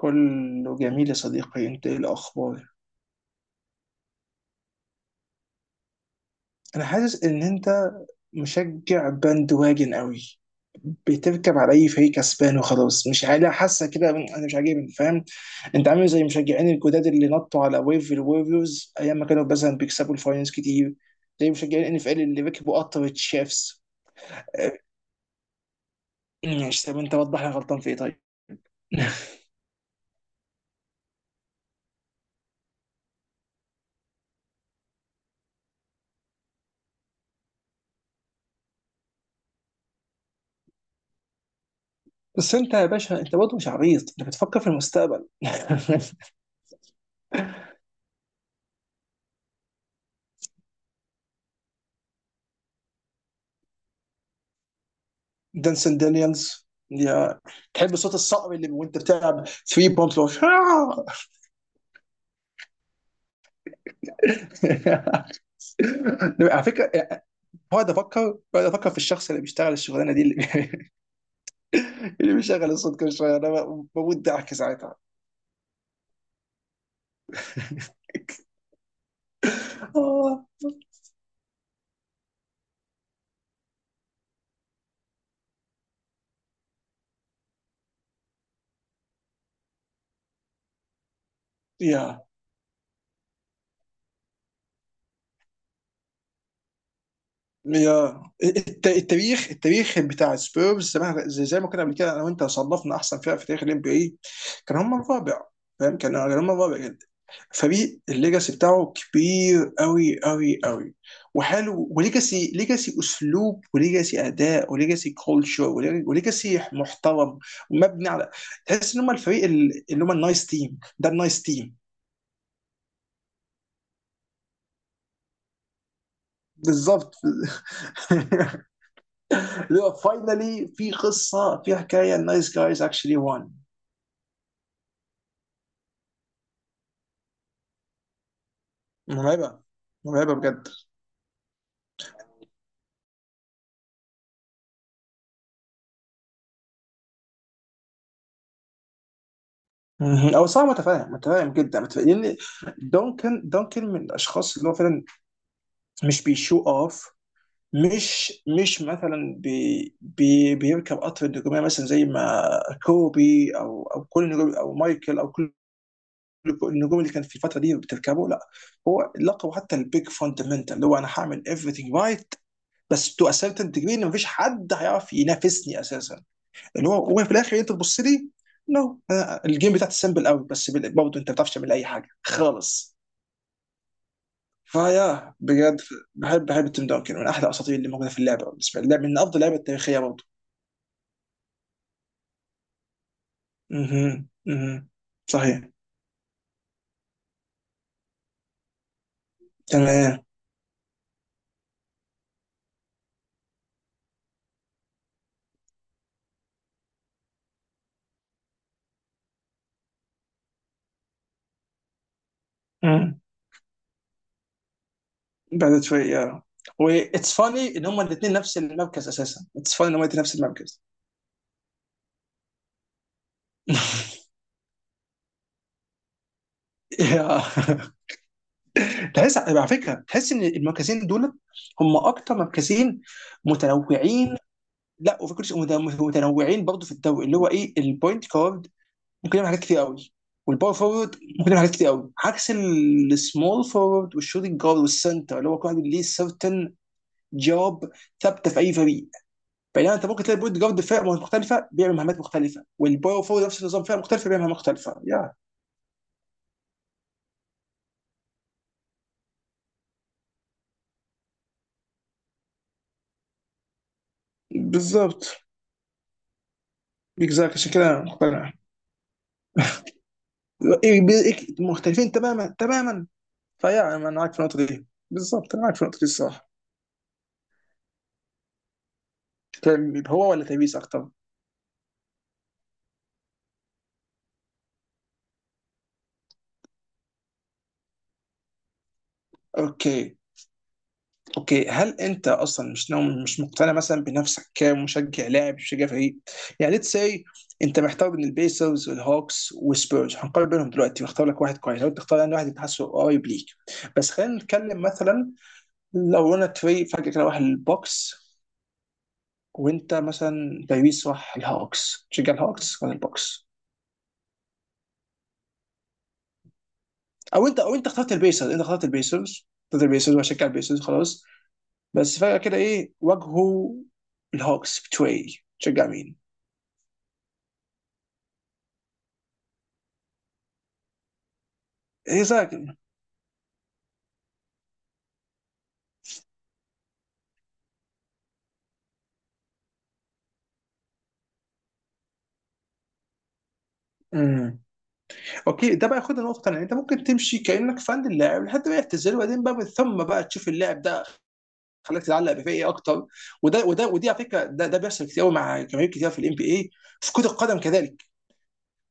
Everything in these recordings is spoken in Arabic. كله جميل يا صديقي، انت ايه الاخبار؟ انا حاسس ان انت مشجع باند واجن قوي، بتركب على اي فريق كسبان وخلاص. مش عارف، حاسه كده انا مش عاجبني فاهم. انت عامل زي المشجعين الجداد اللي نطوا على ويف الوريوز ايام ما كانوا مثلا بيكسبوا الفاينلز كتير، زي مشجعين ان اف ال اللي ركبوا قطر الشيفs. اه، ماشي، طب انت وضح لي أنا غلطان في ايه طيب. بس انت يا باشا، انت برضه مش عبيط، انت بتفكر في المستقبل. دانسن دانيالز يا. تحب صوت الصقر اللي وانت بتلعب 3 بومب؟ على فكره، بقعد افكر في الشخص اللي بيشتغل الشغلانه دي، اللي اللي بيشغل الصوت كل شويه، انا بموت ضحك ساعتها. آه. يا يا التاريخ بتاع سبيرز زمان، زي ما كنا قبل كده انا وانت صنفنا احسن فرق في تاريخ الام بي اي، كان هم الرابع. فاهم، كان هم الرابع جدا. فريق الليجاسي بتاعه كبير قوي قوي قوي وحلو. وليجاسي اسلوب، وليجاسي اداء، وليجاسي كولتشر، وليجاسي محترم، ومبني على. تحس ان هم الفريق اللي هم النايس تيم، ده النايس تيم بالظبط. فاينلي في حكايه النايس جايز اكشلي وان. مرعبه. مرعبه بجد. مم. او صعب، متفاهم جدا متفاهم، لان دونكن من الاشخاص اللي هو فعلا مش بيشو اوف. مش مش مثلا بي بي بيركب قطر النجوميه مثلا زي ما كوبي او كل النجوم او مايكل او كل النجوم اللي كان في الفتره دي بتركبه. لا، هو لقبه حتى البيج فاندمنتال، اللي هو انا هعمل everything right، بس تو اسيرتن ديجري ان مفيش حد هيعرف ينافسني اساسا. اللي هو وفي الاخر انت تبص لي نو، الجيم بتاعتي سمبل قوي، بس برضه انت ما بتعرفش تعمل اي حاجه خالص فيا بجد. بحب تيم دانكن، من احلى الاساطير اللي موجوده في اللعبه بالنسبه لي. من افضل اللعبه التاريخيه برضه. اها، اها. صحيح. تمام. مم. بعد شويه yeah. و اتس فاني ان هما الاثنين نفس المركز اساسا، اتس فاني ان هما الاثنين نفس المركز. يا، تحس على فكره، تحس ان المركزين دول هم اكتر مركزين متنوعين. لا، وفي كل شيء، متنوعين برضه في الدوري، اللي هو ايه، البوينت كارد ممكن يعمل حاجات كتير قوي، والباور فورورد ممكن يعمل حاجات كتير قوي، عكس السمول فورورد والشوتنج جارد والسنتر، اللي هو كل واحد ليه سيرتن جوب ثابته في اي فريق. بينما انت ممكن تلاقي البوينت جارد فرقه مختلفه بيعمل مهمات مختلفه، والباور فورورد نفس النظام، فرقه مختلفه بيعمل مهمات مختلفه يا. بالظبط بالظبط عشان كده مقتنع مختلفين تماما تماما. فيا، انا معاك في النقطه دي بالظبط، انا معاك في النقطه دي الصراحه. كان هو ولا تبيس اكتر؟ اوكي، اوكي. هل انت اصلا مش نوم، مش مقتنع مثلا بنفسك كمشجع لاعب، مشجع فريق؟ يعني ليتس سي، انت محتار بين البيسرز والهوكس والسبيرز، هنقارن بينهم دلوقتي واختار لك واحد كويس، لو انت تختار يعني واحد انت حاسه قريب ليك. بس خلينا نتكلم مثلا، لو انا فريق فجاه كده راح البوكس، وانت مثلا تبيس راح الهوكس، تشجع الهوكس ولا البوكس؟ او انت اخترت البيسرز، انت اخترت البيسرز وهشجع البيسرز خلاص. بس فجاه كده ايه، واجهوا الهوكس بتوعي، تشجع مين؟ ايه رايك؟ امم اوكي، ده بقى ياخدنا نقطه ثانيه. انت ممكن تمشي كانك فان اللاعب لحد ما يعتزل، وبعدين بقى من ثم بقى تشوف اللاعب ده خلاك تتعلق بيه ايه اكتر. وده وده ودي على فكره، ده بيحصل كتير قوي مع جماهير كتير في الام بي اي، في كره القدم كذلك.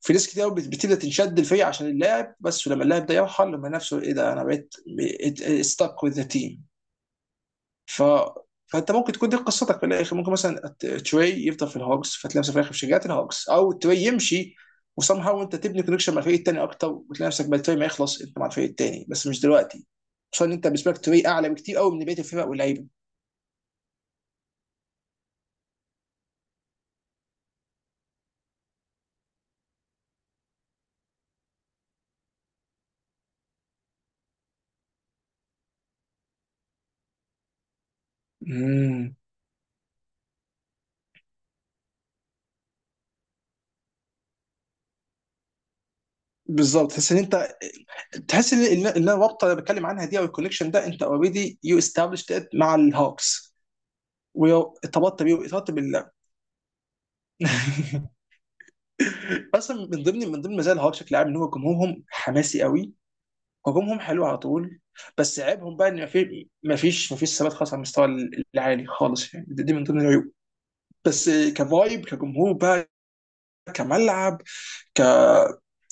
في ناس كتير قوي بتبدا تنشد الفريق عشان اللاعب بس، ولما اللاعب ده يرحل لما نفسه ايه، ده انا بقيت ستاك وذ ذا تيم. ف فانت ممكن تكون دي قصتك في الاخر. ممكن مثلا تري يفضل في الهوكس فتلاقي نفسك في الاخر في شجاعه الهوكس، او تري يمشي وسام هاو انت تبني كونكشن مع الفريق التاني اكتر وتلاقي نفسك بعد تري ما يخلص انت مع الفريق التاني، بس مش دلوقتي. خصوصا ان انت بالنسبه لك تري اعلى بكتير قوي من بقيه الفرق واللعيبه. امم بالظبط، تحس ان انت، تحس ان ان إن الرابطه اللي بتكلم عنها دي او الكونكشن ده انت اوريدي يو استابلشت مع الهوكس، وارتبطت بيه، ارتبطت بالله. اصلا من ضمن مزايا الهوكس بشكل عام ان هو جمهورهم حماسي قوي، هجومهم حلو على طول. بس عيبهم بقى ان مفيش ثبات خالص على المستوى العالي خالص، يعني دي من ضمن العيوب. بس كفايب، كجمهور بقى، كملعب، ك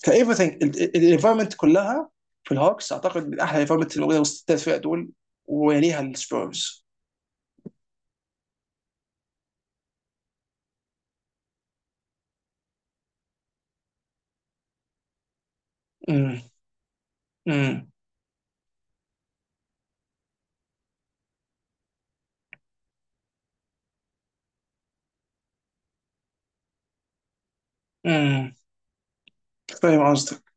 كايفرثينج الانفايرمنت كلها في الهوكس اعتقد من احلى الانفايرمنت اللي موجوده وسط الثلاث فرق دول، ويليها السبيرز. امم امم امم فاهم قصدك.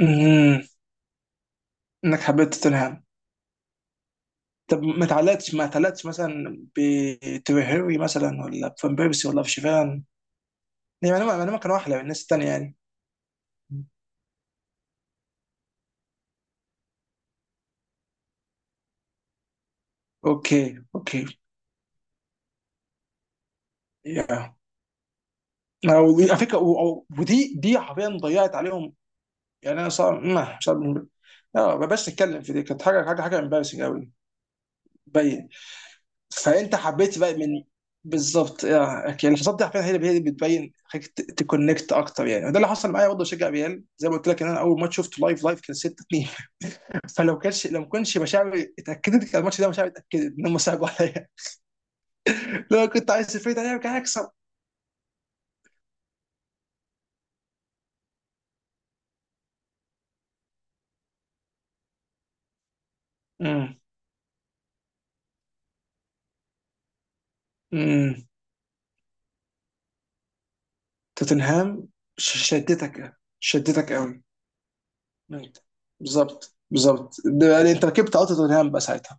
امم انك حبيت توتنهام. طب ما تعلقتش مثلا بتريهيري مثلا، ولا بفان بيرسي، ولا بشيفان؟ يعني ما كانوا احلى من الناس التانية يعني. اوكي، اوكي. يا، أنا على فكره، و- و- ودي دي حرفيا ضيعت عليهم. يعني انا صار ما، مش عارف. لا، ما بقاش نتكلم في دي، كانت حاجه امبارسنج قوي. باين. فانت حبيت بقى من بالظبط، يا. اوكي، الحصاد دي حرفيا هي اللي بتبين خليك تكونكت اكتر. يعني ده اللي حصل معايا برضه، بشجع ريال، زي ما قلت لك ان انا اول ماتش شفته لايف كان 6-2. فلو كانش لو ما كانش مشاعري اتاكدت كان الماتش ده مشاعري اتاكدت ان هم ساقوا عليا. لو كنت عايز تفريد عليا كان هيكسب. أمم. أمم. توتنهام شدتك قوي انت. بالظبط ده يعني انت ركبت قطر توتنهام بقى ساعتها،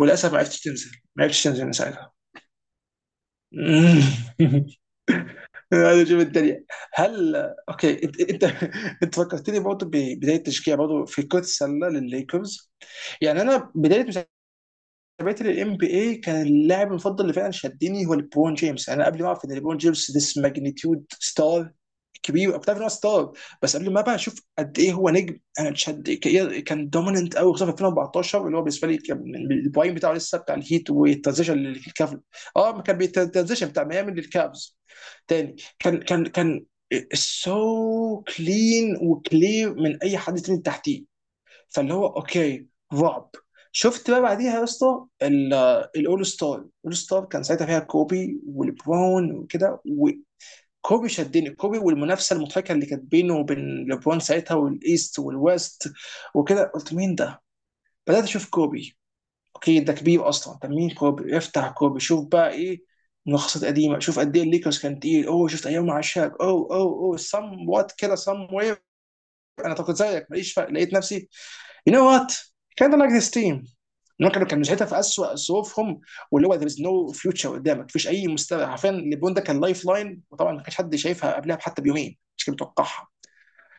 وللاسف ما عرفتش تنزل من ساعتها. عايز اشوف الدنيا، هل. اوكي، انت فكرتني برضه ببدايه تشجيع برضه في كره السله للليكرز. يعني انا بدايه تابعت للام بي اي، كان اللاعب المفضل اللي فعلا شدني هو ليبرون جيمس. يعني انا قبل ما اعرف ان ليبرون جيمس ذس ماجنتيود ستار كبير، بتعرف ان هو ستار، بس قبل ما بقى اشوف قد ايه هو نجم انا اتشد، كان دوميننت قوي خصوصا في 2014، اللي هو بالنسبه لي كان البرايم بتاعه لسه، بتاع الهيت والترانزيشن للكافل. اه، ما كان بيترانزيشن بتاع ميامي للكافز تاني. كان سو كلين وكلير من اي حد تاني تحتيه. فاللي هو اوكي رعب. شفت بقى بعديها يا اسطى الاول ستار الاول ستار كان ساعتها فيها كوبي ولبرون وكده، وكوبي شدني. كوبي والمنافسه المضحكه اللي كانت بينه وبين لبرون ساعتها والايست والويست وكده، قلت مين ده؟ بدات اشوف كوبي. اوكي ده كبير اصلا، طب مين كوبي؟ افتح كوبي شوف بقى ايه، ملخصات قديمه. شوف قد ايه الليكرز كان تقيل. اوه، شفت ايام مع شاك، اوه اوه اوه، سم وات كده، سم وير. انا كنت زيك، ماليش فرق، لقيت نفسي You know what? Kind of like this team. ان هم كانوا ساعتها في اسوء ظروفهم، واللي هو there is no future قدامك، مفيش اي مستقبل حرفيا. ليبرون ده كان لايف لاين، وطبعا ما كانش حد شايفها قبلها حتى بيومين، مش كان متوقعها.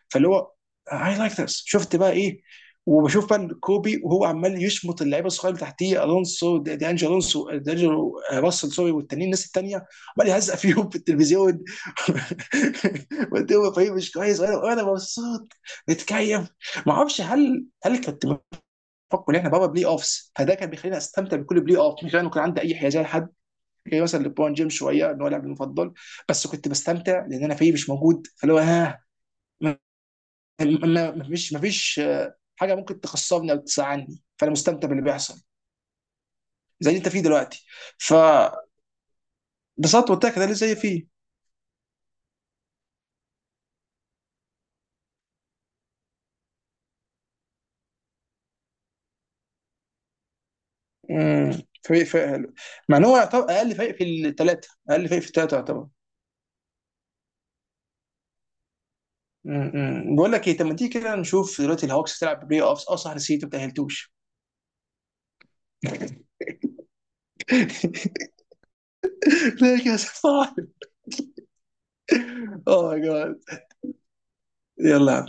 فاللي هو اي لايك ذس. شفت بقى ايه، وبشوف بقى كوبي وهو عمال يشمط اللعيبه الصغيره اللي تحتيه، الونسو دي انجلو، الونسو دي انجلو، راسل، سوري، والتانيين، الناس التانيه عمال يهزق فيهم في التلفزيون. وقدامه فريق مش كويس، وانا مبسوط متكيف. ما اعرفش هل كانت فكوا ان احنا بابا بلاي اوفس. فده كان بيخليني استمتع بكل بلاي اوف مش لانه كان عندي اي حيازيه لحد. كان مثلا لبرون جيمس شويه ان هو لاعبي المفضل، بس كنت بستمتع لان انا فيه مش موجود. فاللي هو ها ما ما- ما فيش حاجه ممكن تخسرني او تزعلني، فانا مستمتع باللي بيحصل، زي اللي انت فيه دلوقتي، فبسطت. قلت لك ده اللي زي فيه. مم. فريق حلو، مع ان هو يعتبر اقل فريق في الثلاثه، اقل فريق في الثلاثه يعتبر. مم. بقول لك ايه، طب ما تيجي كده نشوف دلوقتي الهوكس تلعب بلاي اوفس. اه صح، نسيت، ما تاهلتوش. ليه كاس العالم؟ اوه ماي جاد، يلا.